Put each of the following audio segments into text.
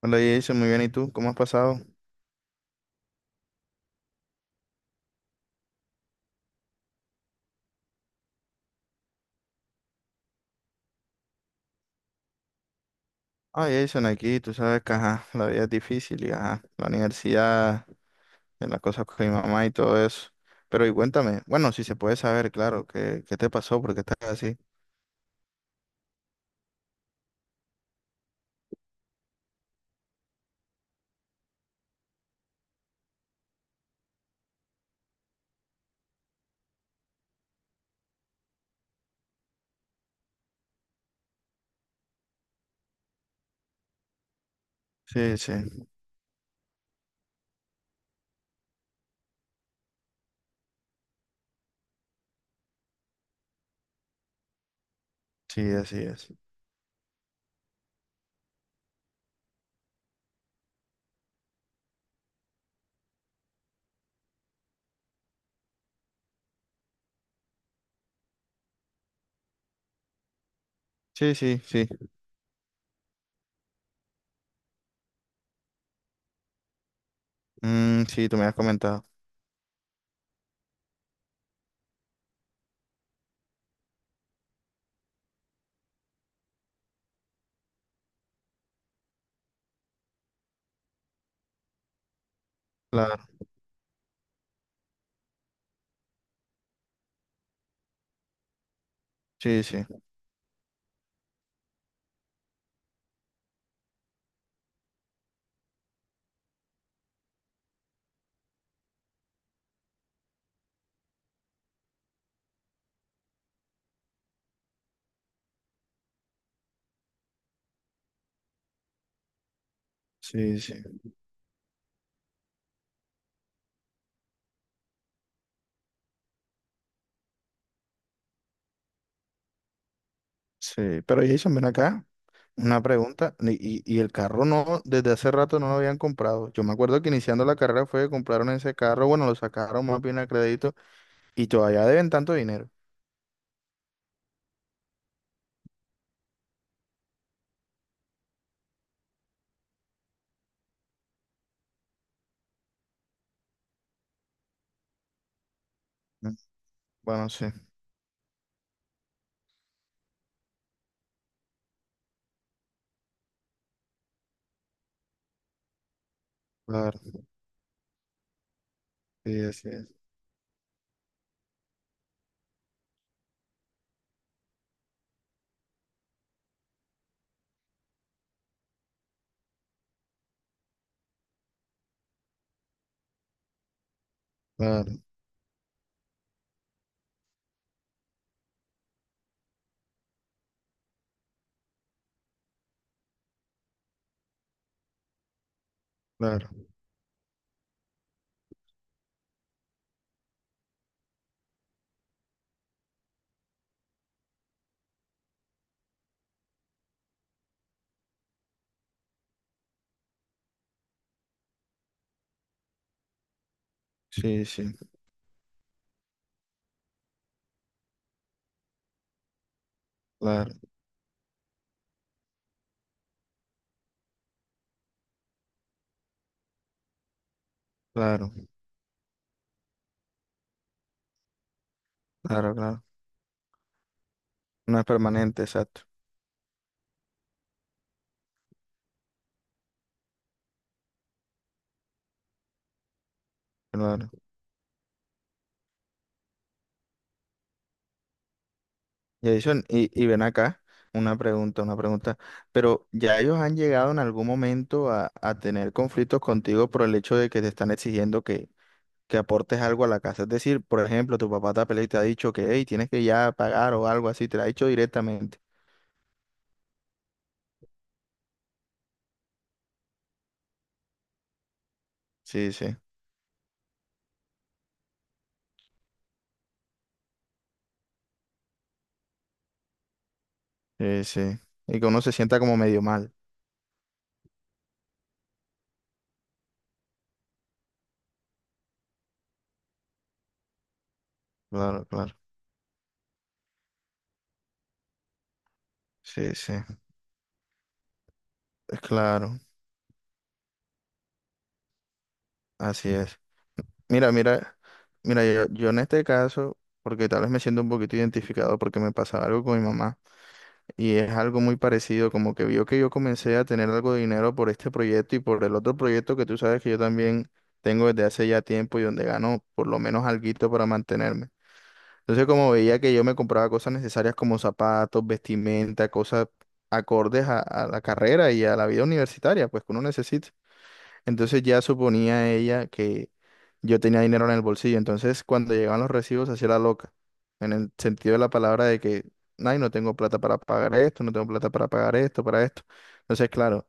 Hola Jason, muy bien, ¿y tú? ¿Cómo has pasado? Ah, Jason, aquí tú sabes que ajá, la vida es difícil y ajá, la universidad, en las cosas con mi mamá y todo eso. Pero y cuéntame, bueno, si se puede saber, claro, ¿qué te pasó? ¿Por qué estás así? Sí, sí, sí, así es. Sí, sí, sí. Mm, sí, tú me has comentado. Claro, sí, sí, sí, sí, sí. Pero Jason, ven acá, una pregunta. Y el carro no, desde hace rato no lo habían comprado. Yo me acuerdo que iniciando la carrera fue que compraron ese carro, bueno, lo sacaron más bien a crédito. Y todavía deben tanto dinero. Mm. Bueno, sí, claro, sí, así es. Claro, claro, sí, sí, claro, claro, claro, claro. No es permanente, exacto, claro. Jason, y ven acá, una pregunta, una pregunta. Pero ¿ya ellos han llegado en algún momento a tener conflictos contigo por el hecho de que te están exigiendo que aportes algo a la casa? Es decir, por ejemplo, tu papá te ha peleado y te ha dicho que, hey, tienes que ya pagar o algo así, te lo ha dicho directamente. Sí, sí, sí, sí. Y que uno se sienta como medio mal. Claro, claro. Sí, sí. Claro, así es. Mira, mira, mira, yo en este caso, porque tal vez me siento un poquito identificado porque me pasaba algo con mi mamá y es algo muy parecido, como que vio que yo comencé a tener algo de dinero por este proyecto y por el otro proyecto que tú sabes que yo también tengo desde hace ya tiempo y donde gano por lo menos alguito para mantenerme. Entonces, como veía que yo me compraba cosas necesarias como zapatos, vestimenta, cosas acordes a la carrera y a la vida universitaria, pues que uno necesita. Entonces ya suponía ella que yo tenía dinero en el bolsillo. Entonces cuando llegaban los recibos hacía la loca. En el sentido de la palabra de que, ay, no tengo plata para pagar esto, no tengo plata para pagar esto, para esto. Entonces, claro,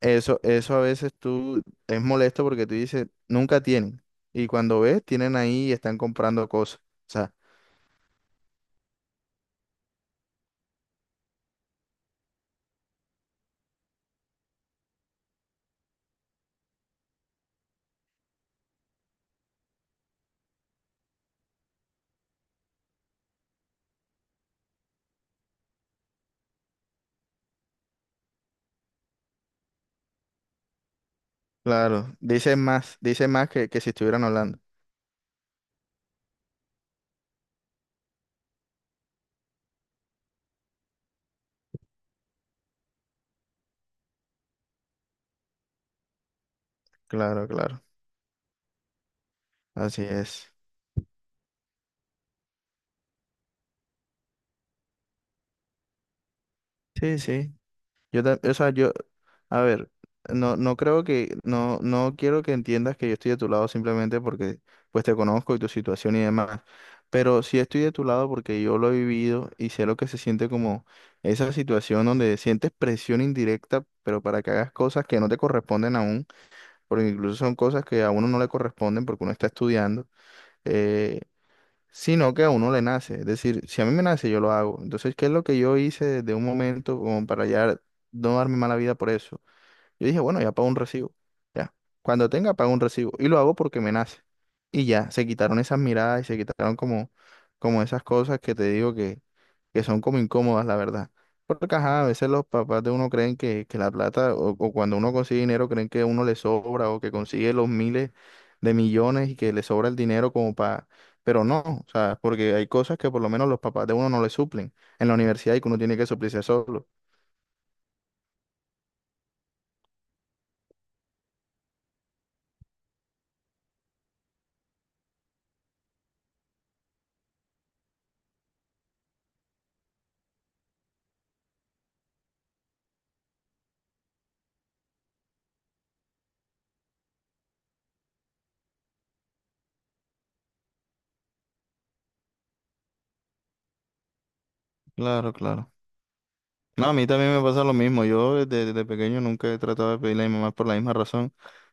eso a veces tú es molesto porque tú dices, nunca tienen. Y cuando ves, tienen ahí y están comprando cosas. O sea, claro, dicen más que si estuvieran hablando. Claro, claro. Así es. Sí, sí. Yo, o sea, yo, a ver, no, no creo que, no, no quiero que entiendas que yo estoy de tu lado simplemente porque, pues, te conozco y tu situación y demás, pero sí estoy de tu lado porque yo lo he vivido y sé lo que se siente como esa situación donde sientes presión indirecta, pero para que hagas cosas que no te corresponden aún, porque incluso son cosas que a uno no le corresponden porque uno está estudiando, eh, sino que a uno le nace. Es decir, si a mí me nace, yo lo hago. Entonces, ¿qué es lo que yo hice desde un momento como para ya no darme mala vida por eso? Yo dije, bueno, ya pago un recibo. Ya. Cuando tenga, pago un recibo. Y lo hago porque me nace. Y ya, se quitaron esas miradas y se quitaron como, como esas cosas que te digo que son como incómodas, la verdad. Porque ajá, a veces los papás de uno creen que la plata, o cuando uno consigue dinero, creen que uno le sobra o que consigue los miles de millones y que le sobra el dinero como para... Pero no, o sea, porque hay cosas que por lo menos los papás de uno no le suplen. En la universidad y que uno tiene que suplirse solo. Claro, claro. No, a mí también me pasa lo mismo. Yo desde, desde pequeño nunca he tratado de pedirle a mi mamá por la misma razón,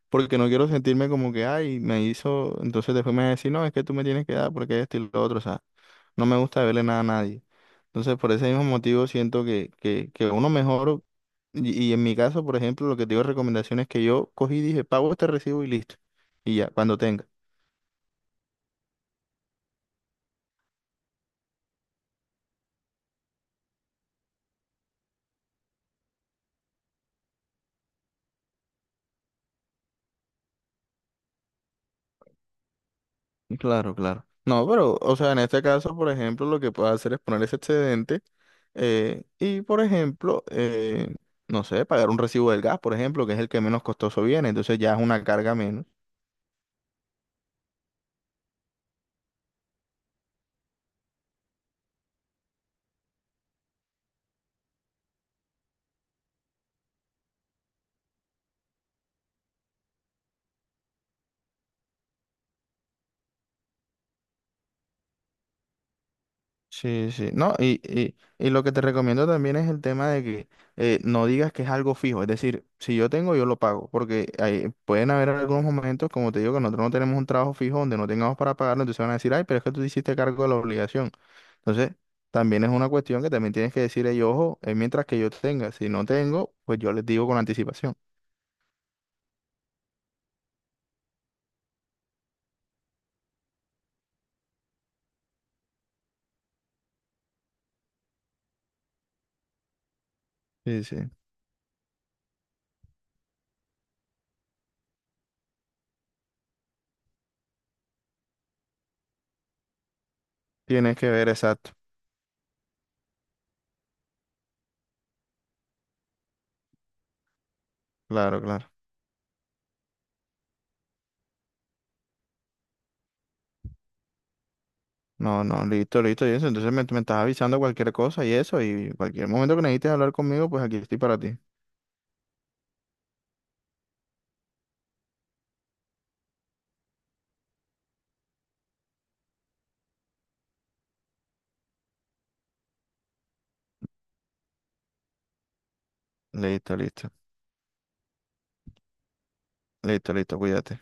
porque no quiero sentirme como que, ay, me hizo, entonces después me va a decir, no, es que tú me tienes que dar porque esto y lo otro, o sea, no me gusta verle nada a nadie. Entonces, por ese mismo motivo siento que, que uno mejor, y en mi caso, por ejemplo, lo que te digo de recomendación es que yo cogí y dije, pago este recibo y listo, y ya, cuando tenga. Claro, claro. No, pero, o sea, en este caso, por ejemplo, lo que puedo hacer es poner ese excedente y, por ejemplo, no sé, pagar un recibo del gas, por ejemplo, que es el que menos costoso viene, entonces ya es una carga menos. Sí, sí. No, y lo que te recomiendo también es el tema de que no digas que es algo fijo. Es decir, si yo tengo, yo lo pago. Porque pueden haber algunos momentos, como te digo, que nosotros no tenemos un trabajo fijo donde no tengamos para pagarlo. Entonces van a decir, ay, pero es que tú te hiciste cargo de la obligación. Entonces, también es una cuestión que también tienes que decir, "Ey, ojo, es mientras que yo tenga. Si no tengo, pues yo les digo con anticipación." Sí, sí. Tienes que ver, exacto. Claro, claro. No, no, listo, listo, y eso. Entonces me estás avisando cualquier cosa y eso, y cualquier momento que necesites hablar conmigo, pues aquí estoy para ti. Listo, listo, listo, listo, cuídate.